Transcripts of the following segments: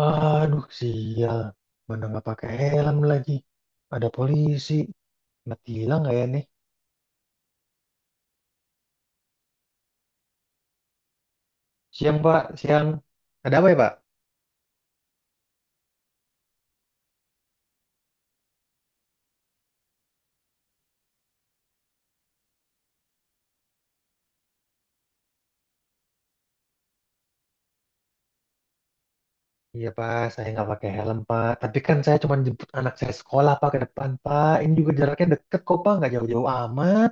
Aduh, sial. Mana nggak pakai helm lagi. Ada polisi. Mati hilang nggak ya nih? Siang, Pak. Siang. Ada apa ya, Pak? Iya, Pak. Saya nggak pakai helm, Pak. Tapi kan saya cuma jemput anak saya sekolah, Pak, ke depan, Pak. Ini juga jaraknya deket kok, Pak. Nggak jauh-jauh amat.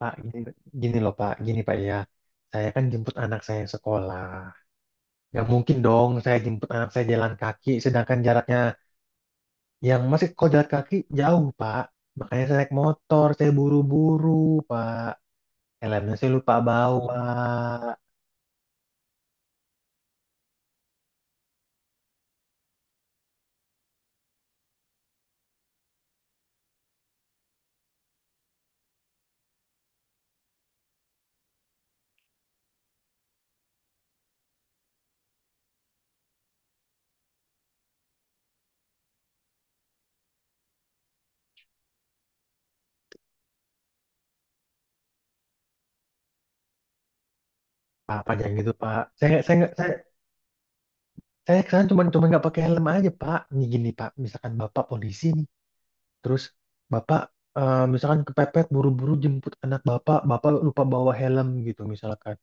Pak, gini, gini loh, Pak. Gini, Pak, ya. Saya kan jemput anak saya sekolah. Nggak mungkin dong saya jemput anak saya jalan kaki, sedangkan jaraknya yang masih kalau jalan kaki jauh, Pak. Makanya saya naik motor, saya buru-buru, Pak. Helmnya saya lupa bawa. Apa jangan gitu, Pak. Saya kesana cuma cuma nggak pakai helm aja, Pak. Nih gini, Pak. Misalkan Bapak polisi nih, terus Bapak misalkan kepepet buru-buru jemput anak Bapak, Bapak lupa bawa helm gitu misalkan.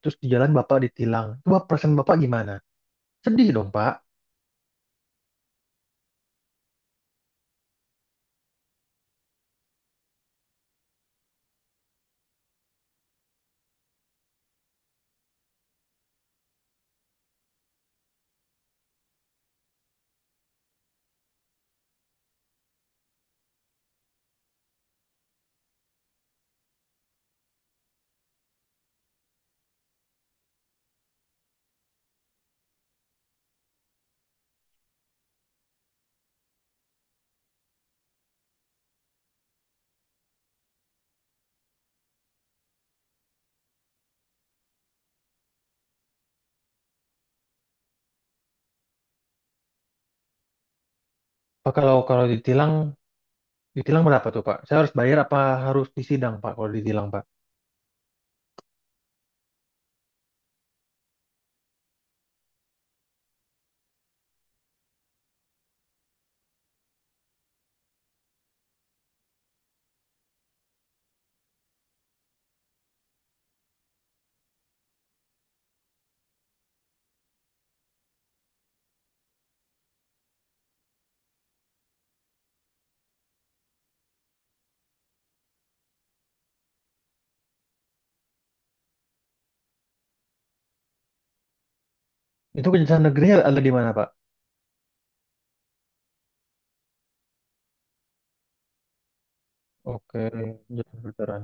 Terus di jalan Bapak ditilang. Coba perasaan Bapak gimana? Sedih dong, Pak. Pak, kalau kalau ditilang, ditilang berapa tuh, Pak? Saya harus bayar apa harus disidang, Pak, kalau ditilang, Pak? Itu kejaksaan negerinya ada di mana, Pak? Oke, kejaksaan veteran.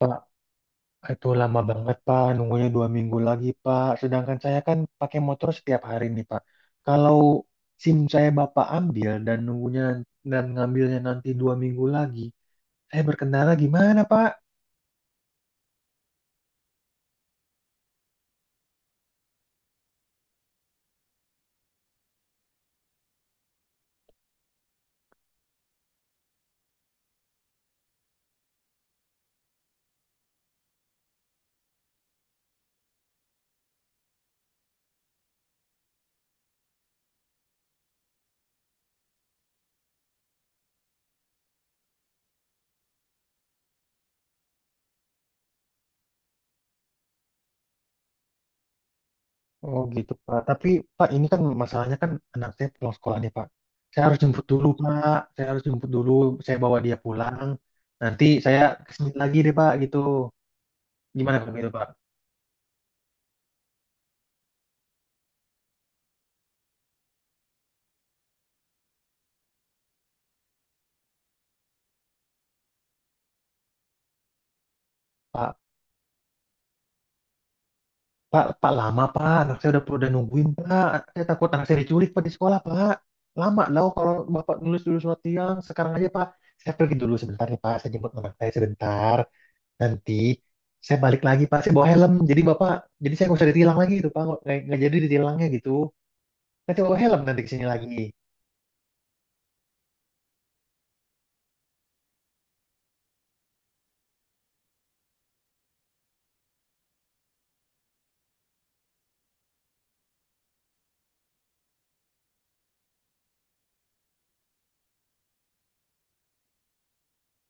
Pak, itu lama banget, Pak. Nunggunya 2 minggu lagi, Pak. Sedangkan saya kan pakai motor setiap hari nih, Pak. Kalau SIM saya Bapak ambil dan ngambilnya nanti 2 minggu lagi, saya berkendara gimana, Pak? Oh gitu, Pak. Tapi, Pak, ini kan masalahnya kan anak saya pulang sekolah nih, Pak. Saya harus jemput dulu, Pak. Saya harus jemput dulu. Saya bawa dia pulang. Nanti saya kesini lagi deh, Pak, gitu. Gimana kalau gitu, Pak? Pak, Pak lama Pak, anak saya udah nungguin Pak. Saya takut anak saya diculik Pak di sekolah Pak. Lama loh kalau Bapak nulis dulu surat tiang. Sekarang aja Pak, saya pergi dulu sebentar ya Pak. Saya jemput anak saya sebentar. Nanti saya balik lagi Pak. Saya bawa helm. Jadi Bapak, jadi saya nggak usah ditilang lagi itu Pak. Nggak jadi ditilangnya gitu. Nanti bawa helm nanti ke sini lagi.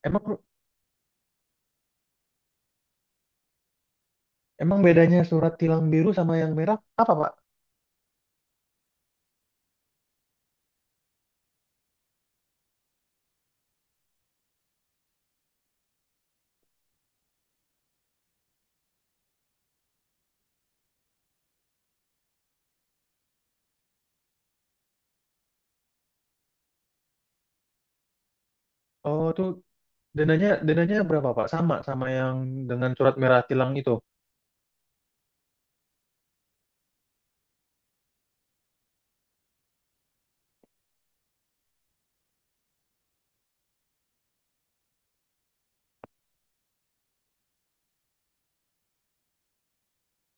Emang emang bedanya surat tilang biru sama yang merah apa Pak? Oh tuh dananya dananya berapa Pak? Sama sama yang dengan surat merah tilang itu.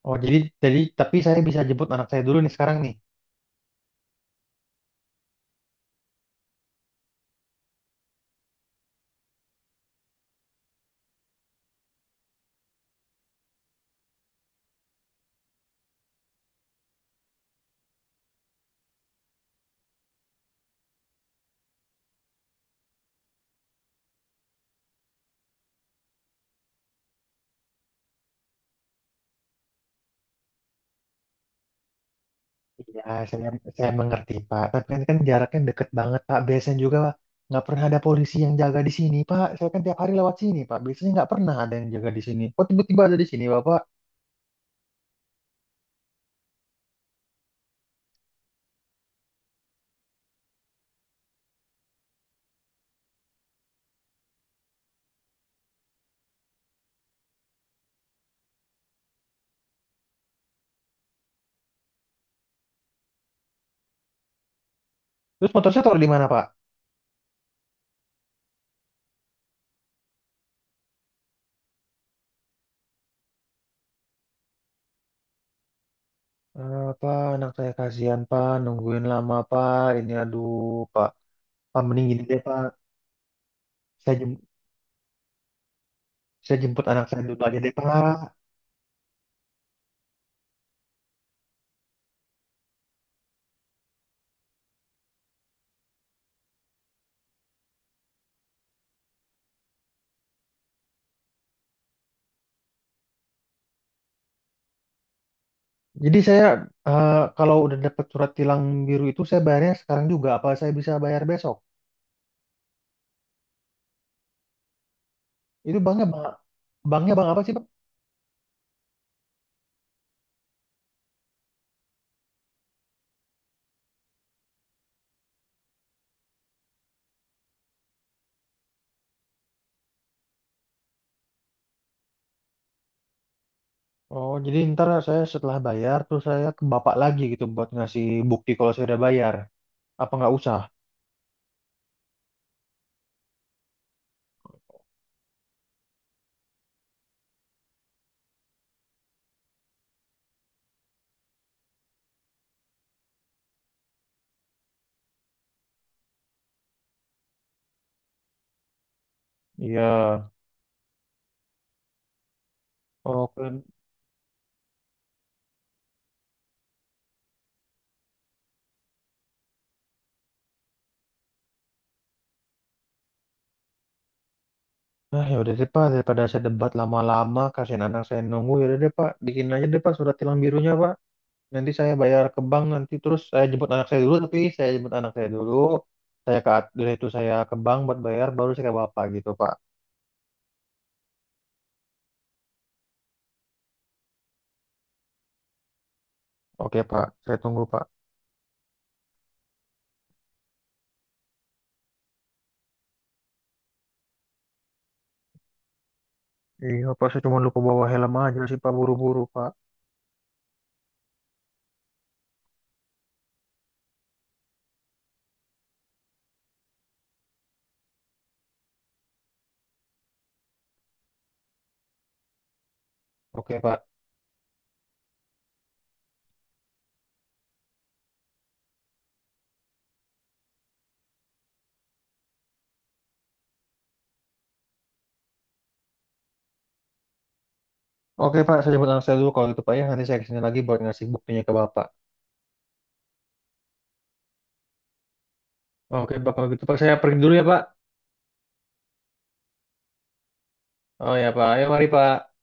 Oh, jadi tapi saya bisa jemput anak saya dulu nih sekarang nih. Iya, saya saya mengerti, Pak. Tapi ini kan jaraknya deket banget, Pak. Biasanya juga nggak pernah ada polisi yang jaga di sini, Pak. Saya kan tiap hari lewat sini, Pak. Biasanya nggak pernah ada yang jaga di sini. Kok tiba-tiba ada di sini, Bapak? Terus motor saya taruh di mana, Pak? Pak, anak saya kasihan, Pak. Nungguin lama, Pak. Ini aduh, Pak. Pak, mending gini deh, Pak. Saya jem- saya jemput anak saya dulu aja deh, Pak. Jadi saya kalau udah dapat surat tilang biru itu saya bayarnya sekarang juga apa saya bisa bayar besok? Itu banknya bang, banknya bank apa sih bang? Oh jadi ntar saya setelah bayar terus saya ke bapak lagi gitu buat ngasih bukti kalau saya udah bayar. Apa nggak usah? Iya. Oke. Nah ya udah deh pak daripada saya debat lama-lama kasihan anak saya nunggu ya udah deh pak bikin aja deh pak surat tilang birunya pak. Nanti saya bayar ke bank nanti terus saya jemput anak saya dulu tapi saya jemput anak saya dulu saya dari itu saya ke bank buat bayar baru saya ke bapak gitu Pak. Oke Pak, saya tunggu Pak. Iya Pak, saya cuma lupa bawa helm aja sih Pak buru-buru Pak. Oke Pak. Oke Pak, saya jemput anak saya dulu kalau gitu Pak ya nanti saya kesini lagi buat ngasih buktinya ke bapak. Oke Pak, kalau gitu Pak saya pergi dulu ya Pak. Oh ya Pak, ayo mari Pak.